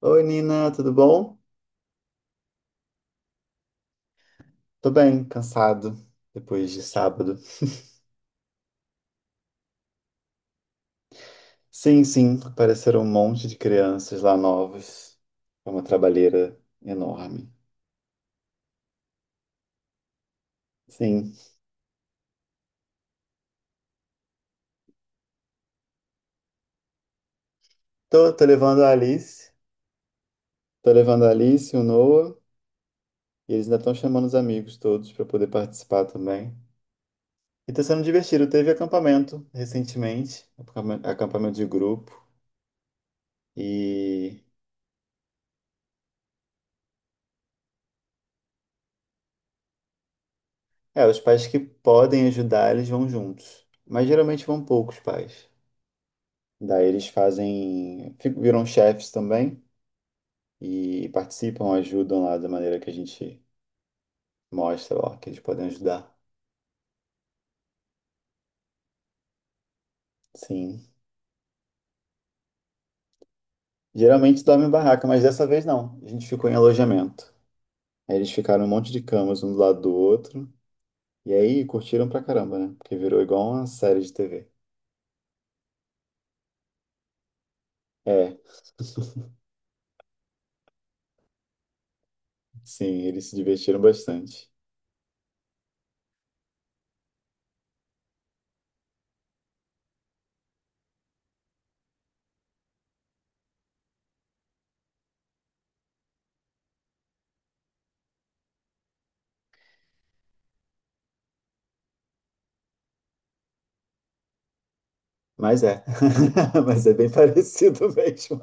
Oi, Nina, tudo bom? Tô bem, cansado depois de sábado. Sim, sim, apareceram um monte de crianças lá novas. Foi uma trabalheira enorme. Sim, tô, tô levando a Alice, o Noah, e eles ainda estão chamando os amigos todos para poder participar também. E tá sendo divertido. Teve acampamento recentemente, acampamento de grupo, e é, os pais que podem ajudar, eles vão juntos. Mas geralmente vão poucos pais. Daí eles fazem, viram chefes também e participam, ajudam lá da maneira que a gente mostra, ó, que eles podem ajudar. Sim. Geralmente dorme em barraca, mas dessa vez não. A gente ficou em alojamento. Aí eles ficaram um monte de camas um do lado do outro. E aí curtiram pra caramba, né? Porque virou igual uma série de TV. É, sim, eles se divertiram bastante. Mas é. Mas é bem parecido mesmo.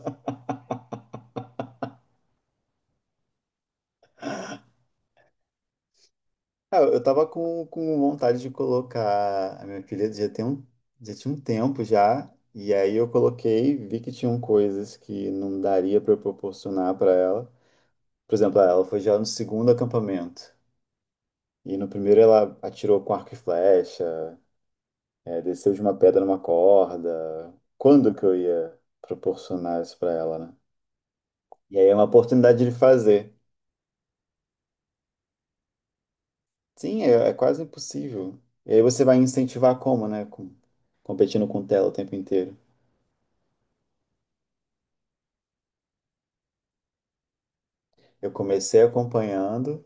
Ah, eu tava com vontade de colocar a minha filha já tinha um tempo já, e aí eu coloquei, vi que tinham coisas que não daria para eu proporcionar para ela. Por exemplo, ah, ela foi já no segundo acampamento, e no primeiro ela atirou com arco e flecha, desceu de uma pedra numa corda. Quando que eu ia proporcionar isso para ela, né? E aí é uma oportunidade de fazer. Sim, é quase impossível. E aí você vai incentivar como, né? Com- competindo com tela o tempo inteiro. Eu comecei acompanhando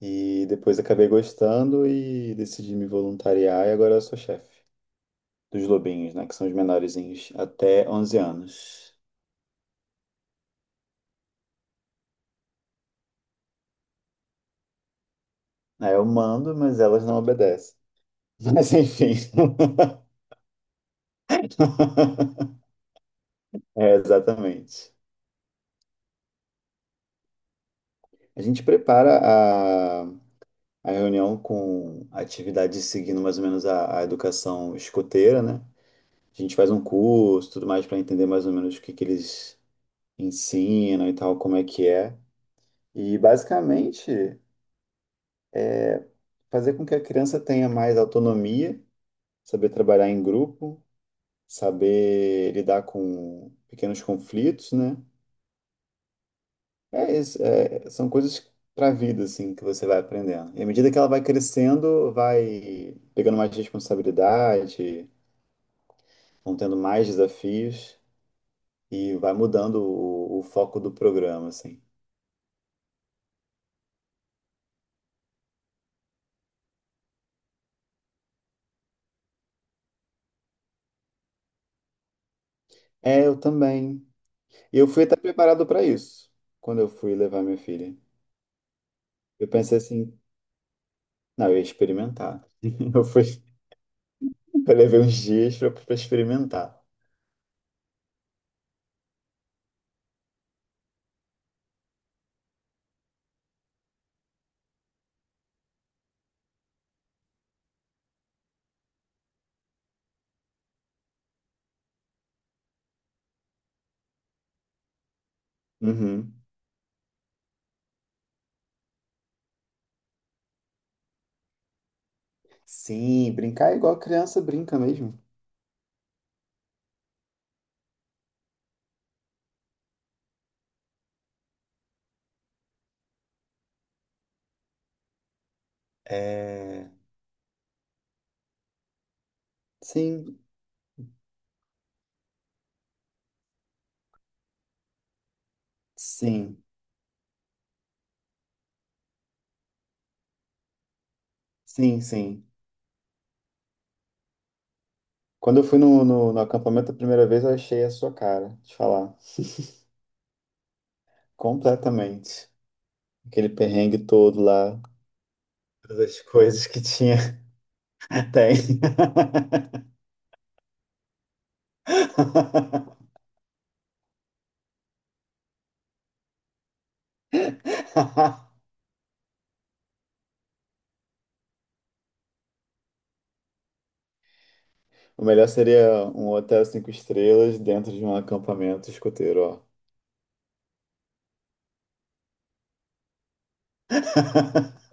e depois acabei gostando e decidi me voluntariar e agora eu sou chefe dos lobinhos, né, que são os menorzinhos, até 11 anos. Aí eu mando, mas elas não obedecem. Mas enfim. É, exatamente. A gente prepara a reunião com atividades seguindo mais ou menos a educação escoteira, né? A gente faz um curso, tudo mais, para entender mais ou menos o que que eles ensinam e tal, como é que é. E basicamente fazer com que a criança tenha mais autonomia, saber trabalhar em grupo, saber lidar com pequenos conflitos, né? É isso, é- são coisas para a vida assim que você vai aprendendo. E à medida que ela vai crescendo, vai pegando mais responsabilidade, vão tendo mais desafios e vai mudando o foco do programa, assim. É, eu também. E eu fui até preparado para isso quando eu fui levar minha filha. Eu pensei assim, não, eu ia experimentar. Eu fui, eu levei uns dias pra experimentar. Uhum. Sim, brincar é igual criança brinca mesmo. É... Sim, sim, sim. Quando eu fui no acampamento a primeira vez, eu achei a sua cara, te falar. Completamente. Aquele perrengue todo lá, todas as coisas que tinha, tem. O melhor seria um hotel 5 estrelas dentro de um acampamento escoteiro, ó.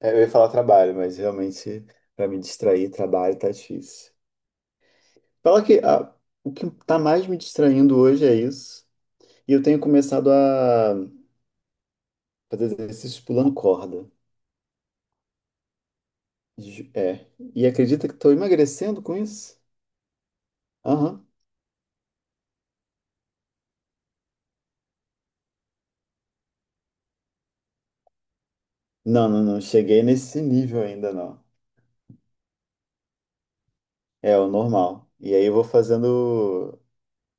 É, eu ia falar trabalho, mas realmente para me distrair, trabalho tá difícil. Fala que ah, o que tá mais me distraindo hoje é isso. E eu tenho começado a fazer exercícios pulando corda. É. E acredita que estou emagrecendo com isso? Aham. Não. Cheguei nesse nível ainda, não. É o normal. E aí eu vou fazendo.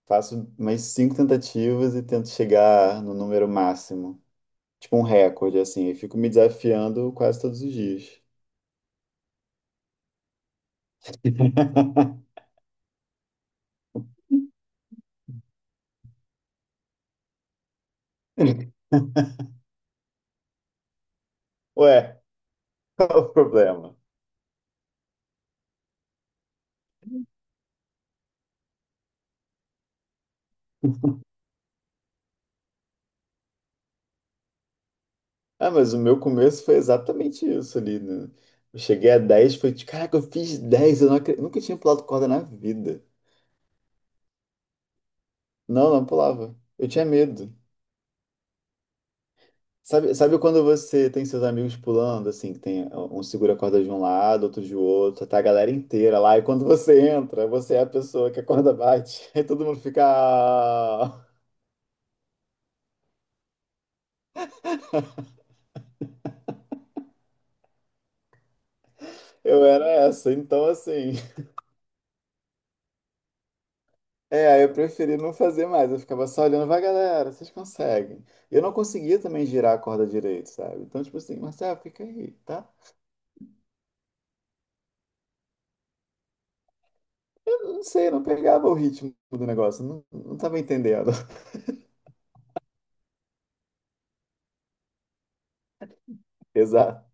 Faço mais 5 tentativas e tento chegar no número máximo. Tipo um recorde, assim. E fico me desafiando quase todos os dias. Ué, qual o problema? Ah, mas o meu começo foi exatamente isso ali, né? Eu cheguei a 10, foi de, caraca, eu fiz 10, eu não nunca tinha pulado corda na vida. Não, não pulava. Eu tinha medo. Sabe quando você tem seus amigos pulando, assim, que tem um segura a corda de um lado, outro de outro, tá a galera inteira lá, e quando você entra, você é a pessoa que a corda bate, aí todo mundo fica, ah, eu era essa, então assim. É, aí eu preferi não fazer mais. Eu ficava só olhando, vai, galera, vocês conseguem. E eu não conseguia também girar a corda direito, sabe? Então, tipo assim, Marcelo, fica aí, tá? Eu não sei, eu não pegava o ritmo do negócio, não, não tava entendendo. Exato.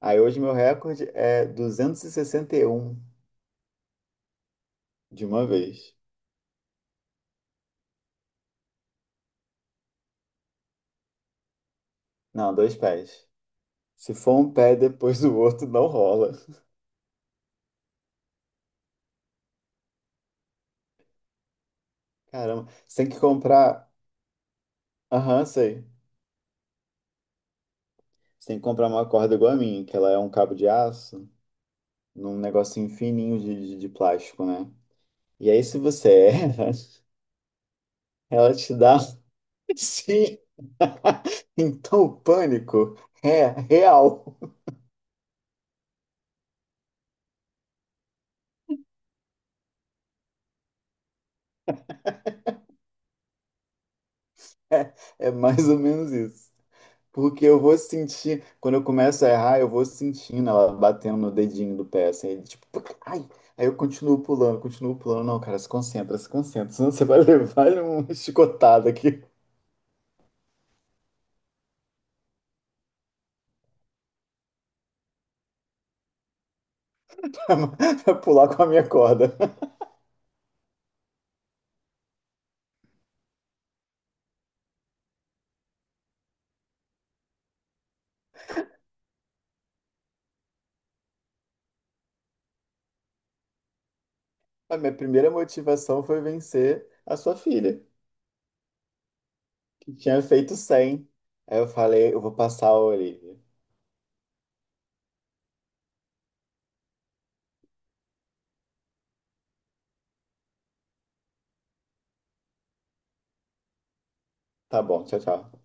Aí hoje meu recorde é duzentos e sessenta e um de uma vez. Não, dois pés. Se for um pé depois do outro, não rola. Caramba, você tem que comprar. Aham, sei. Você tem que comprar uma corda igual a minha, que ela é um cabo de aço num negocinho fininho de plástico, né? E aí, se você erra, ela te dá. Sim! Então, o pânico é real. É mais ou menos isso. Porque eu vou sentir, quando eu começo a errar, eu vou sentindo ela batendo no dedinho do pé, assim, tipo, puc, ai. Aí eu continuo pulando, continuo pulando. Não, cara, se concentra, se concentra, senão você vai levar uma chicotada aqui pra pra pular com a minha corda. A minha primeira motivação foi vencer a sua filha. Que tinha feito 100, aí eu falei, eu vou passar a Olivia. Tá bom, tchau, tchau.